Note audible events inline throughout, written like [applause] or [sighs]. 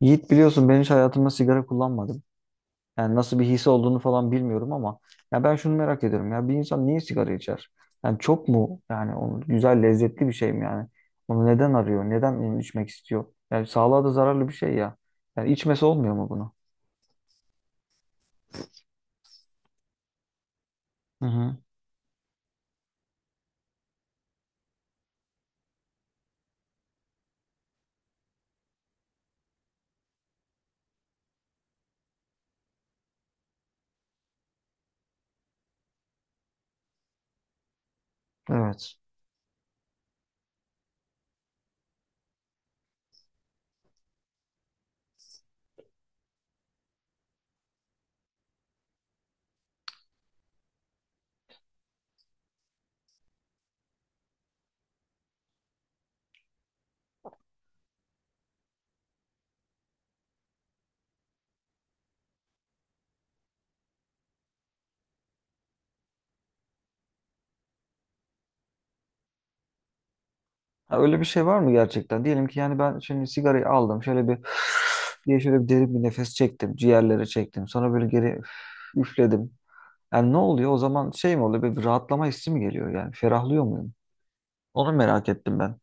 Yiğit biliyorsun ben hiç hayatımda sigara kullanmadım. Yani nasıl bir his olduğunu falan bilmiyorum ama ya ben şunu merak ediyorum, ya bir insan niye sigara içer? Yani çok mu, yani onu güzel lezzetli bir şey mi yani? Onu neden arıyor? Neden onu içmek istiyor? Yani sağlığa da zararlı bir şey ya. Yani içmesi olmuyor mu bunu? Hı hı. Evet. Ha, öyle bir şey var mı gerçekten? Diyelim ki yani ben şimdi sigarayı aldım. Şöyle bir [sighs] diye şöyle bir derin bir nefes çektim. Ciğerlere çektim. Sonra böyle geri üfledim. Yani ne oluyor o zaman, şey mi oluyor? Böyle bir rahatlama hissi mi geliyor yani? Ferahlıyor muyum? Onu merak ettim ben.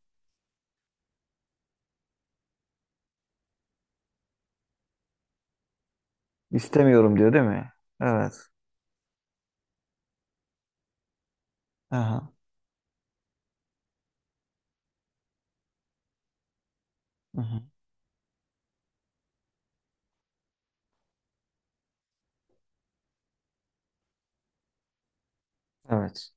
İstemiyorum diyor değil mi? Evet. Aha. Aha. Evet.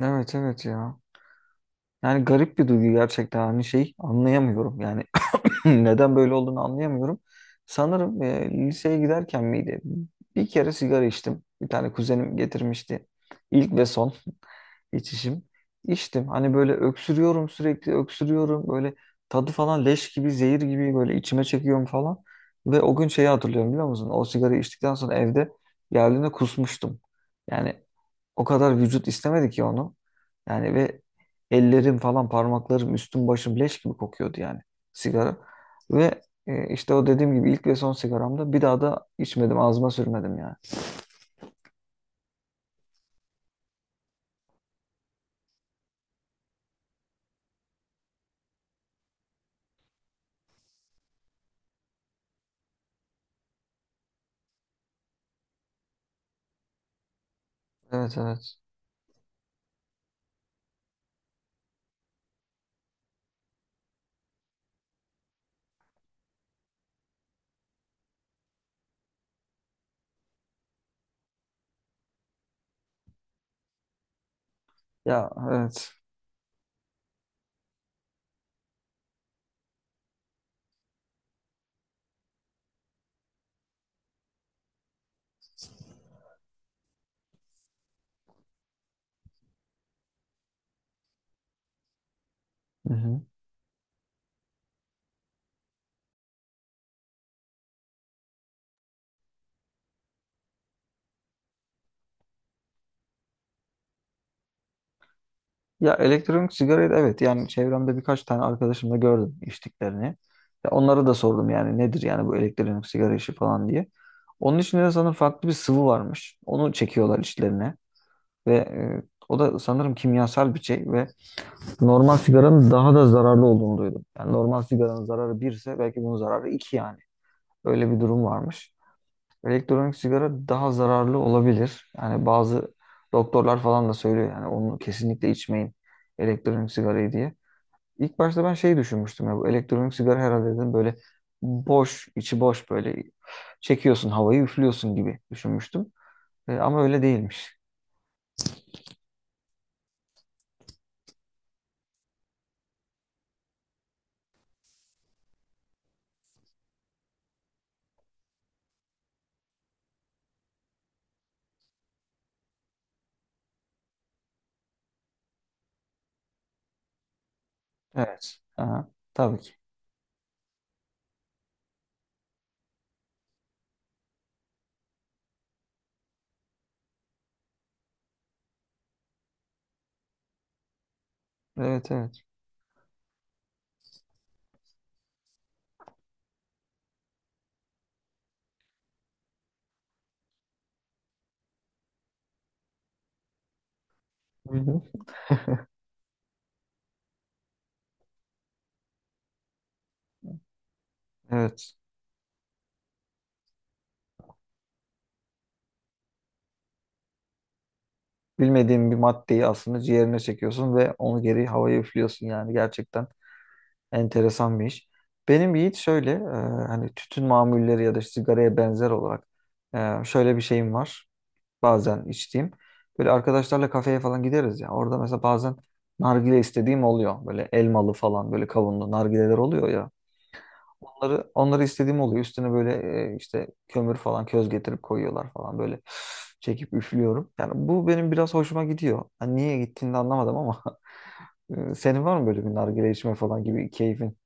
Evet, evet ya. Yani garip bir duygu gerçekten, hani şey, anlayamıyorum yani. [clears throat] Neden böyle olduğunu anlayamıyorum. Sanırım liseye giderken miydi? Bir kere sigara içtim. Bir tane kuzenim getirmişti. İlk ve içişim. İçtim. Hani böyle öksürüyorum, sürekli öksürüyorum. Böyle tadı falan leş gibi, zehir gibi böyle içime çekiyorum falan. Ve o gün şeyi hatırlıyorum, biliyor musun? O sigarayı içtikten sonra evde geldiğinde kusmuştum. Yani o kadar vücut istemedi ki onu. Yani ve ellerim falan, parmaklarım, üstüm başım leş gibi kokuyordu yani, sigara. Ve işte o dediğim gibi ilk ve son sigaramda, bir daha da içmedim, ağzıma sürmedim yani. Evet, evet. Ya, evet. Hı hı. Ya elektronik sigarayı da, evet, yani çevremde birkaç tane arkadaşım da gördüm içtiklerini. Ya onlara da sordum, yani nedir yani bu elektronik sigara işi falan diye. Onun içinde de sanırım farklı bir sıvı varmış. Onu çekiyorlar içlerine ve o da sanırım kimyasal bir şey ve normal sigaranın daha da zararlı olduğunu duydum. Yani normal sigaranın zararı 1 ise belki bunun zararı 2 yani. Öyle bir durum varmış. Elektronik sigara daha zararlı olabilir. Yani bazı doktorlar falan da söylüyor yani, onu kesinlikle içmeyin elektronik sigarayı diye. İlk başta ben şey düşünmüştüm, ya bu elektronik sigara herhalde dedim, böyle boş, içi boş, böyle çekiyorsun havayı, üflüyorsun gibi düşünmüştüm. Ama öyle değilmiş. Evet. Aha, tabii ki. Evet, evet. Hı hı. Evet. Bilmediğim bir maddeyi aslında ciğerine çekiyorsun ve onu geri havaya üflüyorsun, yani gerçekten enteresan bir iş. Benim Yiğit şöyle hani tütün mamulleri ya da sigaraya benzer olarak şöyle bir şeyim var, bazen içtiğim. Böyle arkadaşlarla kafeye falan gideriz ya. Orada mesela bazen nargile istediğim oluyor. Böyle elmalı falan, böyle kavunlu nargileler oluyor ya. Onları istediğim oluyor. Üstüne böyle işte kömür falan, köz getirip koyuyorlar falan, böyle [sighs] çekip üflüyorum. Yani bu benim biraz hoşuma gidiyor. Hani niye gittiğini de anlamadım ama [laughs] senin var mı böyle bir nargile içme falan gibi keyfin?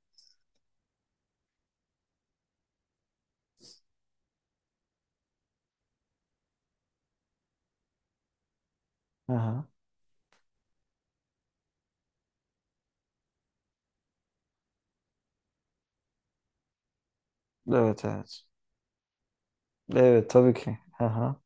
Aha. Evet, evet. Evet, tabii ki. Aha.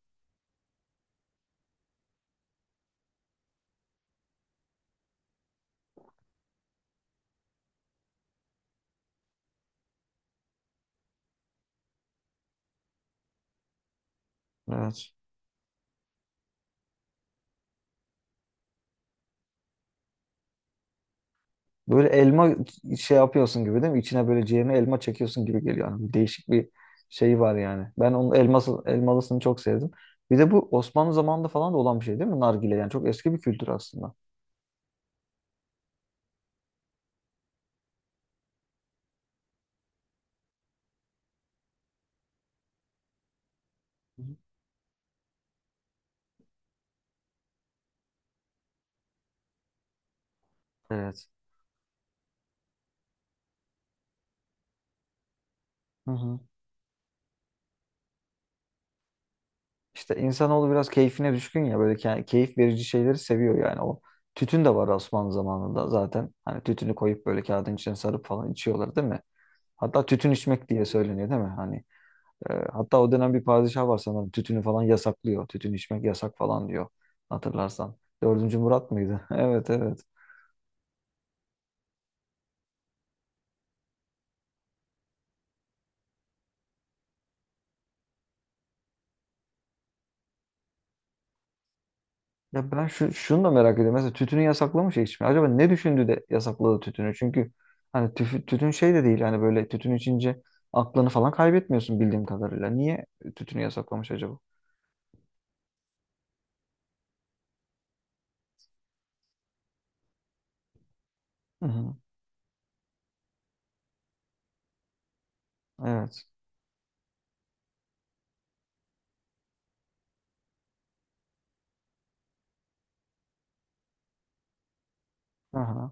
Evet. Böyle elma şey yapıyorsun gibi değil mi? İçine böyle ciğerine elma çekiyorsun gibi geliyor. Yani değişik bir şey var yani. Ben onun elmalısını çok sevdim. Bir de bu Osmanlı zamanında falan da olan bir şey değil mi? Nargile yani çok eski bir kültür aslında. Evet. Hı hı. İşte insanoğlu biraz keyfine düşkün ya, böyle keyif verici şeyleri seviyor yani o. Tütün de var Osmanlı zamanında zaten. Hani tütünü koyup böyle kağıdın içine sarıp falan içiyorlar değil mi? Hatta tütün içmek diye söyleniyor değil mi? Hani hatta o dönem bir padişah var sanırım. Tütünü falan yasaklıyor. Tütün içmek yasak falan diyor. Hatırlarsan. Dördüncü Murat mıydı? [laughs] Evet, evet. Ya ben şunu da merak ediyorum. Mesela tütünü yasaklamış ya, içmeyi. Acaba ne düşündü de yasakladı tütünü? Çünkü hani tütün şey de değil. Hani böyle tütün içince aklını falan kaybetmiyorsun bildiğim kadarıyla. Niye tütünü yasaklamış acaba? Hı hı. Evet. Aha.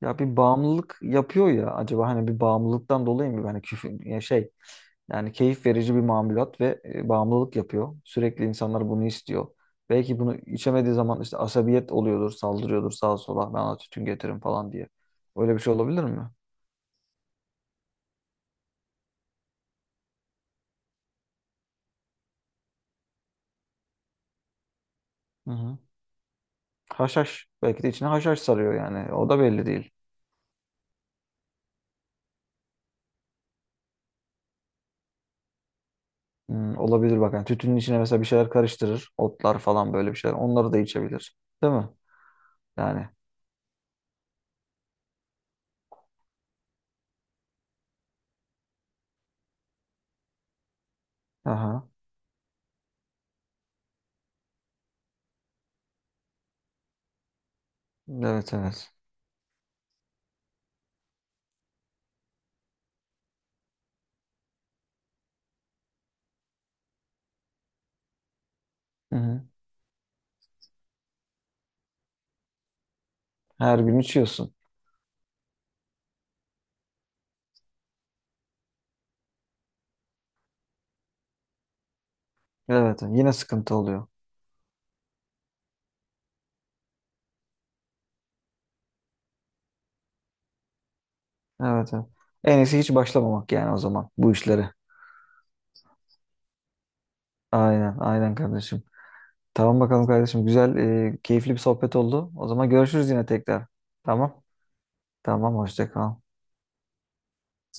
Ya bir bağımlılık yapıyor ya, acaba hani bir bağımlılıktan dolayı mı, hani küfür ya şey, yani keyif verici bir mamulat ve bağımlılık yapıyor. Sürekli insanlar bunu istiyor. Belki bunu içemediği zaman işte asabiyet oluyordur, saldırıyordur sağa sola. Ben ona tütün getirin falan diye. Öyle bir şey olabilir mi? Hı hı. Haşhaş. Belki de içine haşhaş sarıyor yani. O da belli değil. Olabilir bak. Yani tütünün içine mesela bir şeyler karıştırır. Otlar falan, böyle bir şeyler. Onları da içebilir. Değil mi? Yani. Aha. Evet, evet. Hı hı. Her gün içiyorsun. Evet. Evet. Yine sıkıntı oluyor. Evet. Evet. En iyisi hiç başlamamak yani, o zaman, bu işlere. Aynen. Aynen kardeşim. Tamam bakalım kardeşim. Güzel, keyifli bir sohbet oldu. O zaman görüşürüz yine tekrar. Tamam. Tamam. Hoşça kal.